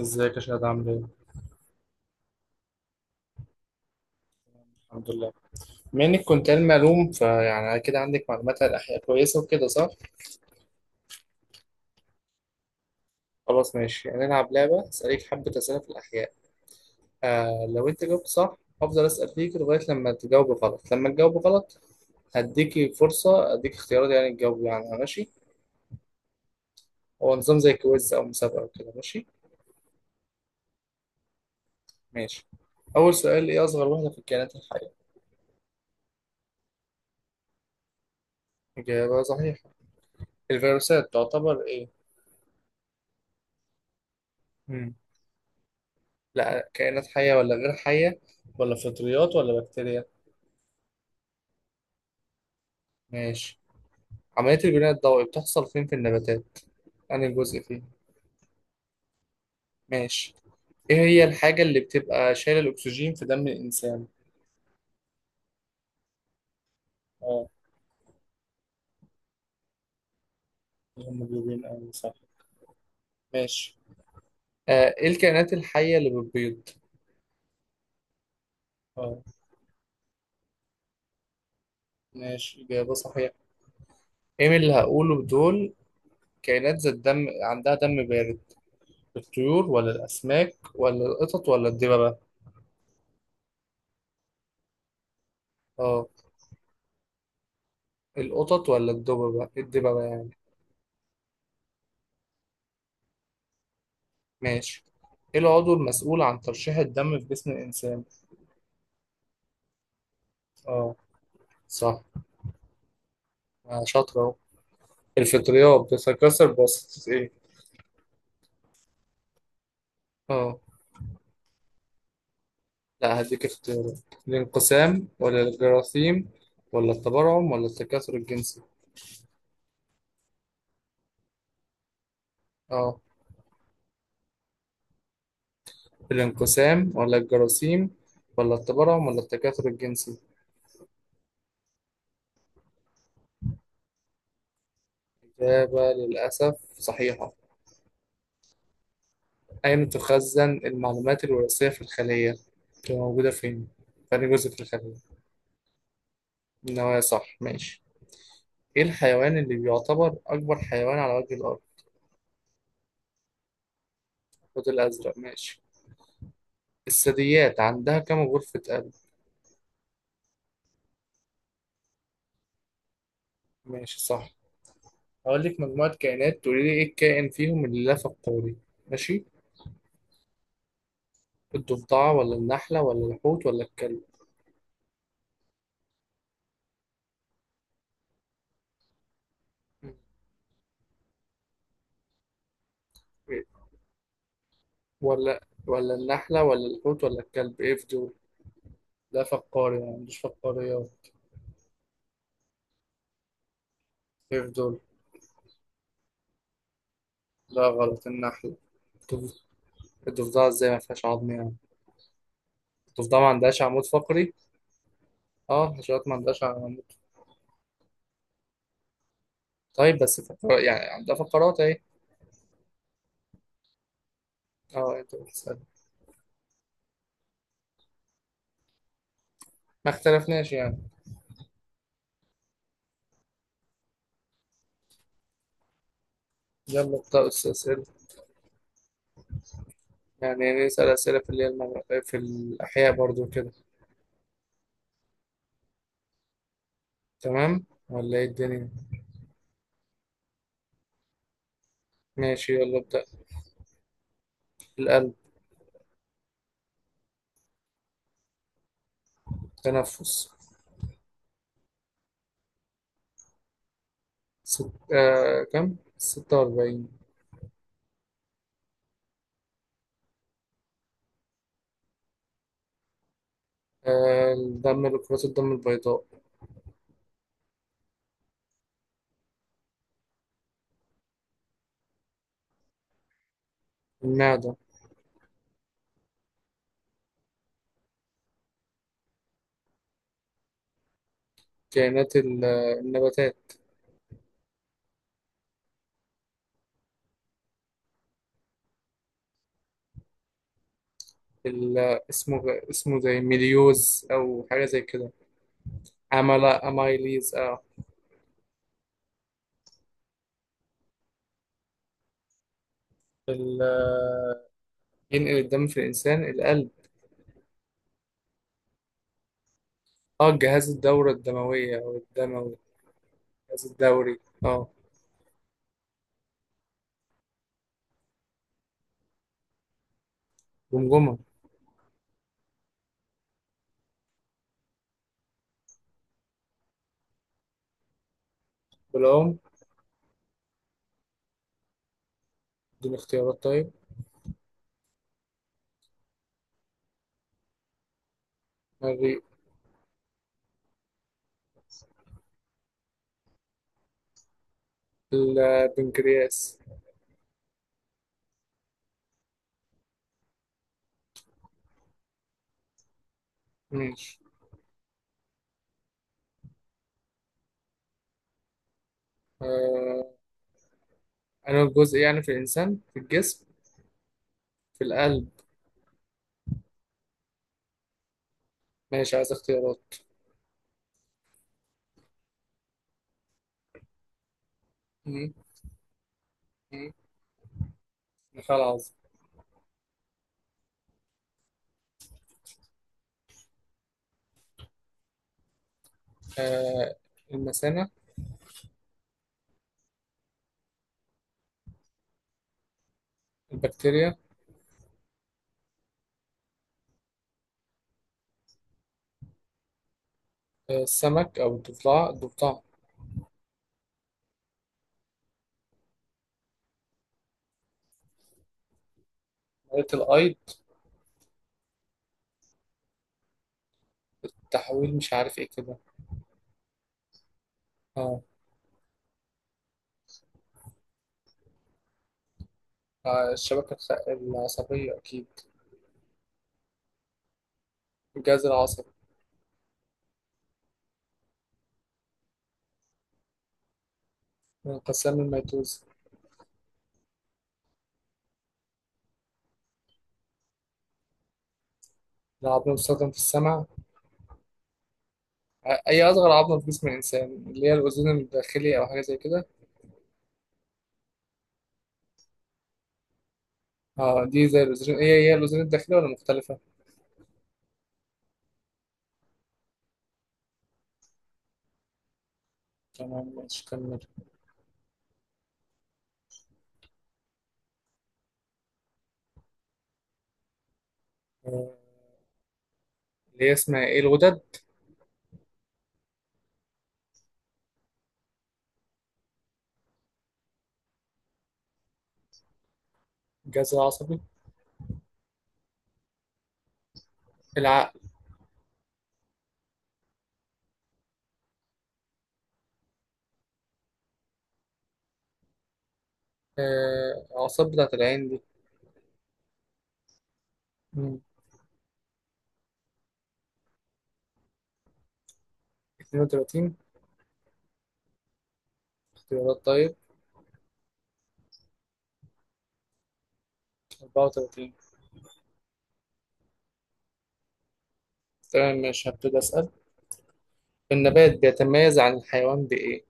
ازيك يا شهد، عامل ايه؟ الحمد لله. بما انك كنت علم علوم، فيعني كده عندك معلومات عن الاحياء كويسه وكده صح؟ خلاص ماشي، هنلعب لعبه اسالك حبه اسئله في الاحياء. آه لو انت جاوبت صح هفضل اسال فيك لغايه لما تجاوب غلط هديكي فرصه، اديك اختيارات يعني تجاوبي عنها، ماشي؟ هو نظام زي كويز او مسابقه وكده، ماشي؟ ماشي. اول سؤال: ايه اصغر وحده في الكائنات الحيه؟ اجابه صحيحه. الفيروسات تعتبر ايه؟ مم. لا، كائنات حيه ولا غير حيه، ولا فطريات ولا بكتيريا؟ ماشي. عملية البناء الضوئي بتحصل فين في النباتات؟ أنهي جزء فيه؟ ماشي. إيه هي الحاجة اللي بتبقى شايلة الأكسجين في دم الإنسان؟ اه. الهيموجلوبين، أوي صح. ماشي. آه، إيه الكائنات الحية اللي بتبيض؟ اه. ماشي، إجابة صحيحة. إيه من اللي هقوله دول كائنات ذات دم، عندها دم بارد؟ الطيور ولا الأسماك ولا القطط ولا الدببة؟ اه. القطط ولا الدببة؟ الدببة يعني. ماشي. إيه العضو المسؤول عن ترشيح الدم في جسم الإنسان؟ اه. صح. آه، شاطرة أهو. الفطريات بتتكسر بواسطة إيه؟ آه. لا، هديك اختيارات: الانقسام ولا الجراثيم، ولا التبرعم ولا التكاثر الجنسي. آه، الانقسام ولا الجراثيم ولا التبرعم ولا التكاثر الجنسي. إجابة للأسف صحيحة. أين تخزن المعلومات الوراثية في الخلية؟ بتبقى موجودة فين؟ في أي جزء في الخلية؟ النوايا صح، ماشي. إيه الحيوان اللي بيعتبر أكبر حيوان على وجه الأرض؟ الحوت الأزرق، ماشي. الثدييات عندها كم غرفة قلب؟ ماشي صح. هقول لك مجموعة كائنات تقولي لي ايه الكائن فيهم اللي لف القولي. ماشي. الضفدعة ولا النحلة ولا الحوت ولا الكلب؟ إيه؟ ولا، النحلة ولا الحوت ولا الكلب، ايه في دول؟ لا فقاري، ما عندوش فقاريات. ايه في دول؟ لا غلط، النحلة. الضف- الضفدعة ازاي ما فيهاش عظم يعني؟ الضفدعة ما عندهاش عمود فقري. اه، الحشرات ما عندهاش عمود. طيب بس، يعني عندها فقرات اهي. اه انت بتسأل. ما اختلفناش يعني. يلا ابدأ أستاذ. يعني نسأل أسئلة في اللي هي في الأحياء برضو كده، تمام ولا إيه الدنيا؟ ماشي يلا ابدأ. القلب. تنفس. كم؟ ستة وأربعين. الدم، لكرات الدم البيضاء. المعدة. كائنات ال... النباتات. ال... اسمه، اسمه زي ميليوز أو حاجة زي كده. عملا أمايليز آه. ال... ينقل الدم في الإنسان، القلب. اه، جهاز الدورة الدموية أو الدموي. الجهاز الدوري. اه. جمجمة. بالعمر. دون اختيارات طيب. الرئة. البنكرياس. ماشي. آه، أنا الجزء يعني في الإنسان في الجسم، في القلب. ماشي، عايز اختيارات. مم. مم. النخاع العظمي. آه. المثانة. البكتيريا. آه، السمك أو الضفدع، الضفدع. مريض الأيض. التحويل، مش عارف إيه كده. آه. آه، الشبكة العصبية أكيد. الجهاز العصبي. انقسام الميتوز. العظم المستخدم في السمع. أي أصغر عظمة في جسم الإنسان، اللي هي الأذن الداخلي أو حاجة زي كده. اه دي زي الوزرين، هي الوزرين الداخلية ولا مختلفة؟ تمام ماشي كمل. آه، اللي هي اسمها ايه، الغدد. الجهاز العصبي. العقل. آه، الأعصاب بتاعة العين دي. مم. 32. اختيارات طيب. 34. تمام ماشي، هبتدي أسأل. النبات بيتميز عن الحيوان بإيه؟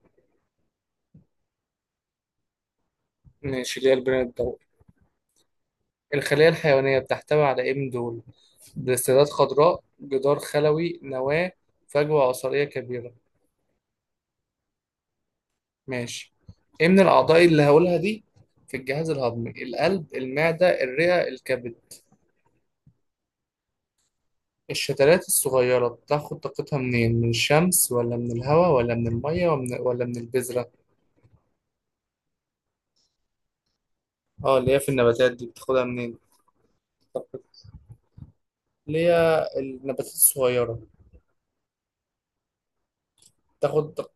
ماشي، اللي هي البناء الضوئي. الخلية الحيوانية بتحتوي على إيه من دول؟ بلاستيدات خضراء، جدار خلوي، نواة، فجوة عصارية كبيرة. ماشي. ايه من الاعضاء اللي هقولها دي في الجهاز الهضمي: القلب، المعدة، الرئة، الكبد؟ الشتلات الصغيرة بتاخد طاقتها منين، من الشمس ولا من الهواء ولا من المية ولا من البذرة؟ اه اللي هي في النباتات دي بتاخدها منين. اللي هي النباتات الصغيرة. بتاخد طاق-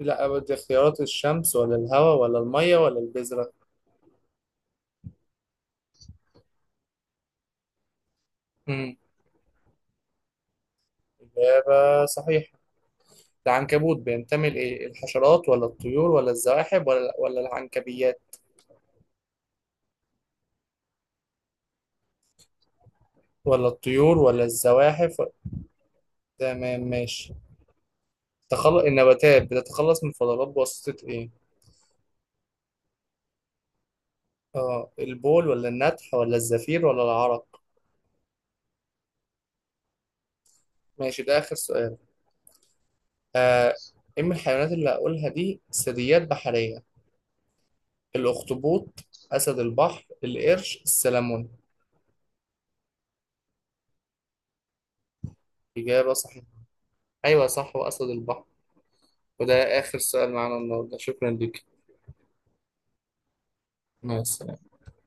لا دي اختيارات: الشمس ولا الهواء ولا المية ولا البذرة. امم إجابة صحيحة. العنكبوت بينتمي لإيه، الحشرات ولا الطيور ولا الزواحف ولا العنكبيات؟ ولا الطيور ولا الزواحف. تمام ماشي. تخلص، النباتات بتتخلص من الفضلات بواسطة ايه؟ اه، البول ولا النتح ولا الزفير ولا العرق؟ ماشي، ده آخر سؤال. آه. ايه من الحيوانات اللي هقولها دي ثدييات بحرية؟ الأخطبوط، أسد البحر، القرش، السلمون. إجابة صحيحة. أيوة صح، وأسد البحر. وده آخر سؤال معانا النهاردة، شكرا ليك. مع السلامة.